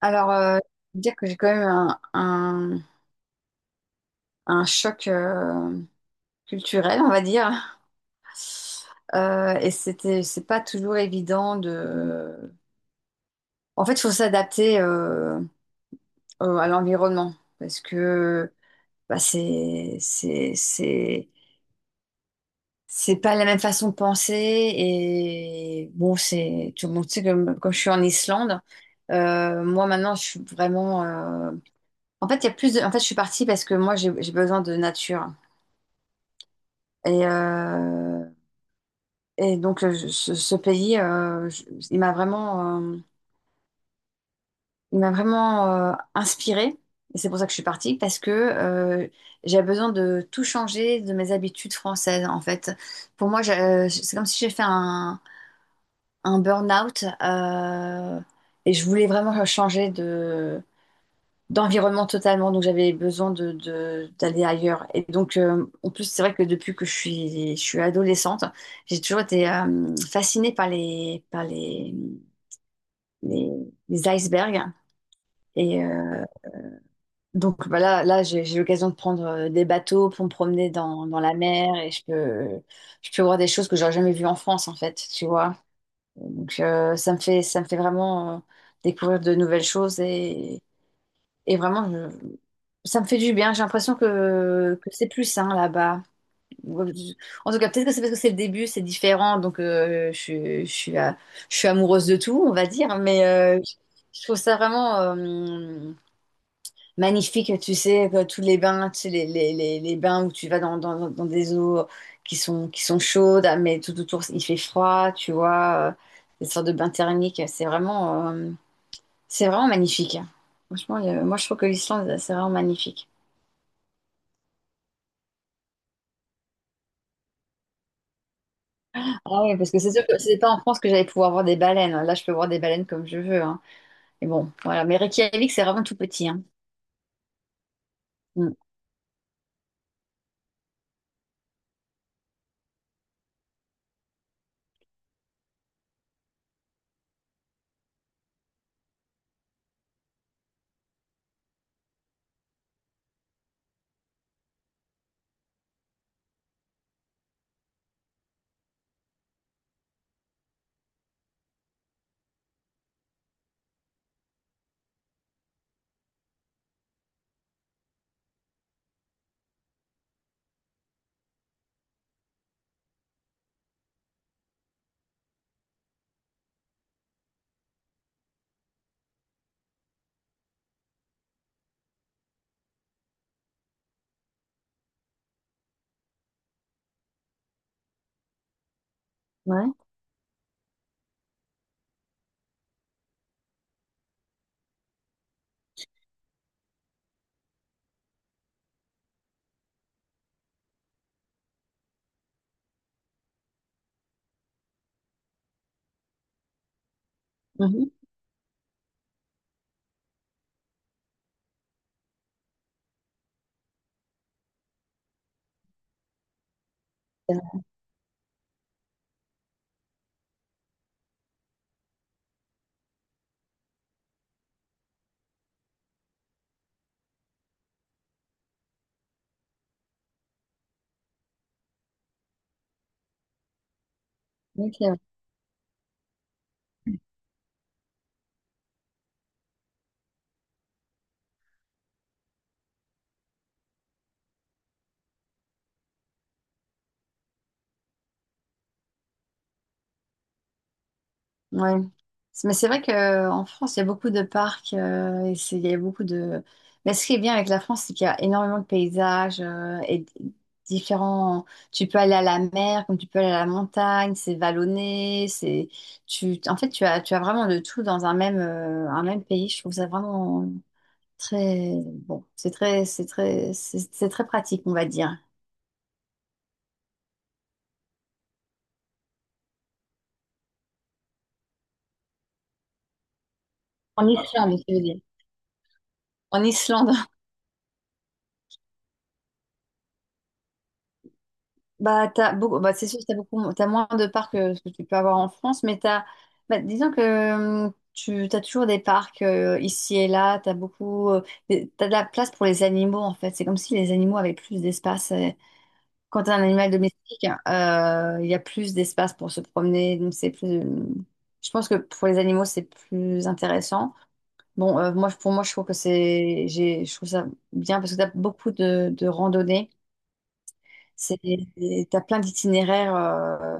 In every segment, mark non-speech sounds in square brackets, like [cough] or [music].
Alors, euh, dire que j'ai quand même un choc culturel, on va dire. C'est pas toujours évident de. En fait, il faut s'adapter à l'environnement parce que bah, c'est, c'est, c'est, c'est pas la même façon de penser. Et bon, c'est tout le monde sait que quand je suis en Islande, moi maintenant, je suis vraiment. En fait, il y a plus de... En fait, je suis partie parce que moi, j'ai besoin de nature. Et, euh, et donc, ce pays, il m'a vraiment, il m'a vraiment inspirée. Et c'est pour ça que je suis partie, parce que j'avais besoin de tout changer de mes habitudes françaises, en fait. Pour moi, c'est comme si j'ai fait un burn-out et je voulais vraiment changer d'environnement totalement, donc j'avais besoin de, d'aller ailleurs. Et donc, en plus, c'est vrai que depuis que je suis adolescente, j'ai toujours été fascinée par les, les icebergs. Et donc, là j'ai l'occasion de prendre des bateaux pour me promener dans la mer et je peux voir des choses que j'aurais jamais vues en France, en fait, tu vois. Donc, ça me fait vraiment découvrir de nouvelles choses. Et vraiment, ça me fait du bien. J'ai l'impression que c'est plus sain là-bas. En tout cas, peut-être que c'est parce que c'est le début, c'est différent. Donc, je suis je suis amoureuse de tout, on va dire. Mais je trouve ça vraiment magnifique, tu sais, que tous les bains, tu sais, les bains où tu vas dans des eaux qui qui sont chaudes, mais tout autour, il fait froid, tu vois. Des sortes de bains thermiques. C'est vraiment magnifique, hein. Franchement, moi je trouve que l'Islande, c'est vraiment magnifique. Ah oui, parce que c'est sûr que c'était pas en France que j'allais pouvoir voir des baleines. Là, je peux voir des baleines comme je veux, hein. Mais bon, voilà. Mais Reykjavik, c'est vraiment tout petit, hein. Mm. Ouais. Mhm. Oui, c'est vrai. Ok, ouais. Ouais. Mais c'est vrai qu'en France, il y a beaucoup de parcs, il y a beaucoup de... Mais ce qui est bien avec la France, c'est qu'il y a énormément de paysages et différents... Tu peux aller à la mer, comme tu peux aller à la montagne, c'est vallonné, c'est... Tu... En fait, tu as vraiment de tout dans un un même pays. Je trouve ça vraiment très... Bon, c'est très pratique, on va dire. En Islande, je veux dire. En Islande. Bah, t'as beaucoup, t'as moins de parcs que ce que tu peux avoir en France, mais t'as, bah, disons que tu as toujours des parcs ici et là, t'as de la place pour les animaux en fait. C'est comme si les animaux avaient plus d'espace. Quand t'as un animal domestique, il y a plus d'espace pour se promener, donc c'est plus. Je pense que pour les animaux, c'est plus intéressant. Bon, pour moi, je trouve que je trouve ça bien parce que t'as beaucoup de randonnées. C'est, t'as plein d'itinéraires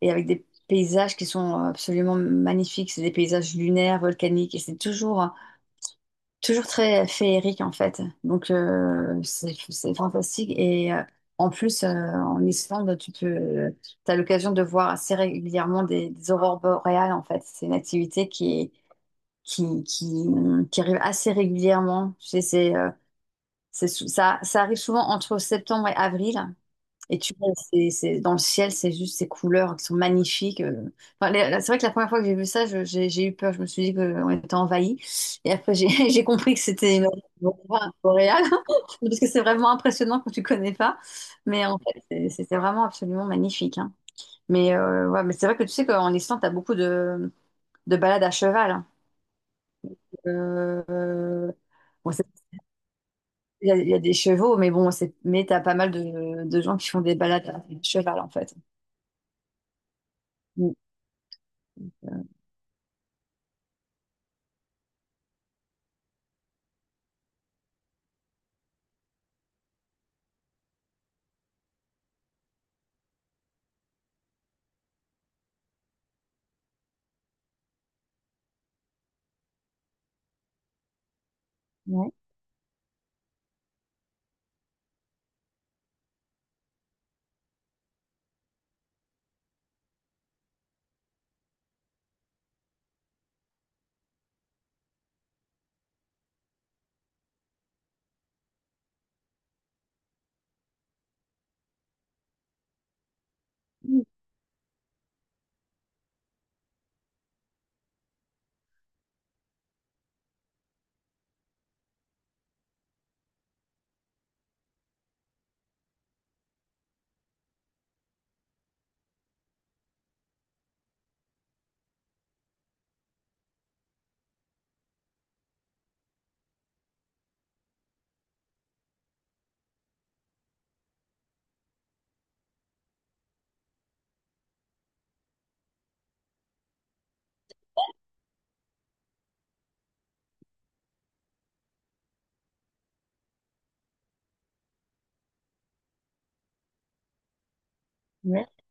et avec des paysages qui sont absolument magnifiques. C'est des paysages lunaires, volcaniques et c'est toujours, toujours très féerique en fait. Donc c'est fantastique et en plus, en Islande, tu peux, t'as l'occasion de voir assez régulièrement des aurores boréales en fait. C'est une activité qui est- qui, qui, qui arrive assez régulièrement. Tu sais, ça arrive souvent entre septembre et avril. Et tu vois, dans le ciel, c'est juste ces couleurs qui sont magnifiques. Enfin, c'est vrai que la première fois que j'ai vu ça, j'ai eu peur. Je me suis dit qu'on était envahi. Et après, j'ai [laughs] j'ai compris que c'était une aurore boréale. [laughs] Parce que c'est vraiment impressionnant quand tu connais pas. Mais en fait, c'était vraiment absolument magnifique, hein. Mais, ouais, mais c'est vrai que tu sais qu'en Islande, tu as beaucoup de balades à cheval, hein. Euh, bon, c'est- il y a des chevaux, mais bon, c'est, mais tu as pas mal de gens qui font des balades à cheval, en fait. Mm. Ouais. Merci.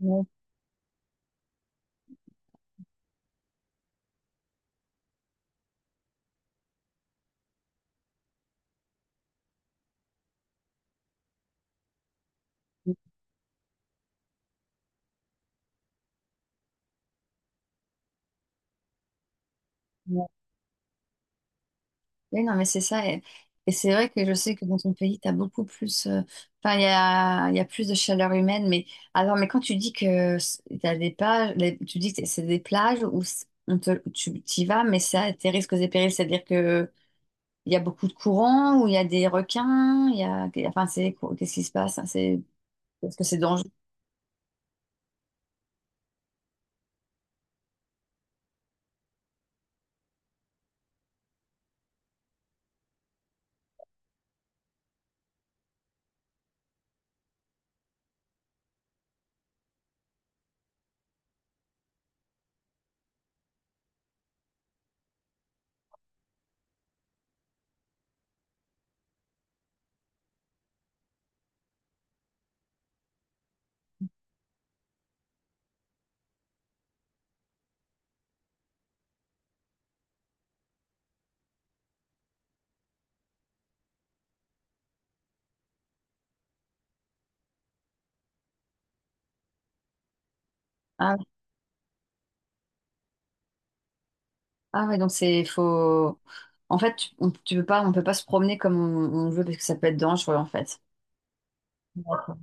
Merci. Oui, non, mais c'est ça. Et c'est vrai que je sais que dans ton pays, tu as beaucoup plus. Enfin, il y a plus de chaleur humaine. Mais alors, mais quand tu dis que tu as des plages, tu dis que c'est des plages où tu y vas, mais ça a tes risques et périls. C'est-à-dire que il y a beaucoup de courants, où il y a des requins, il y a. Enfin, c'est. Qu'est-ce qui se passe, hein? C'est, est-ce que c'est dangereux? Ah, ah ouais, donc c'est. Faut. En fait, tu peux pas, on peut pas se promener comme on veut parce que ça peut être dangereux, en fait. D'accord.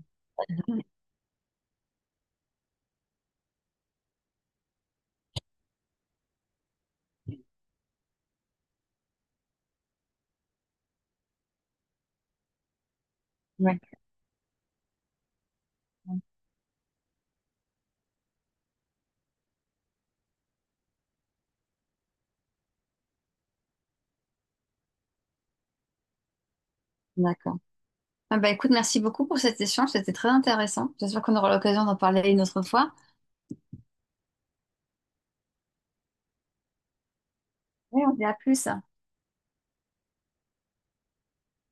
Ouais, d'accord. Ah bah écoute, merci beaucoup pour cet échange, c'était très intéressant. J'espère qu'on aura l'occasion d'en parler une autre fois. Oui, on dit à plus.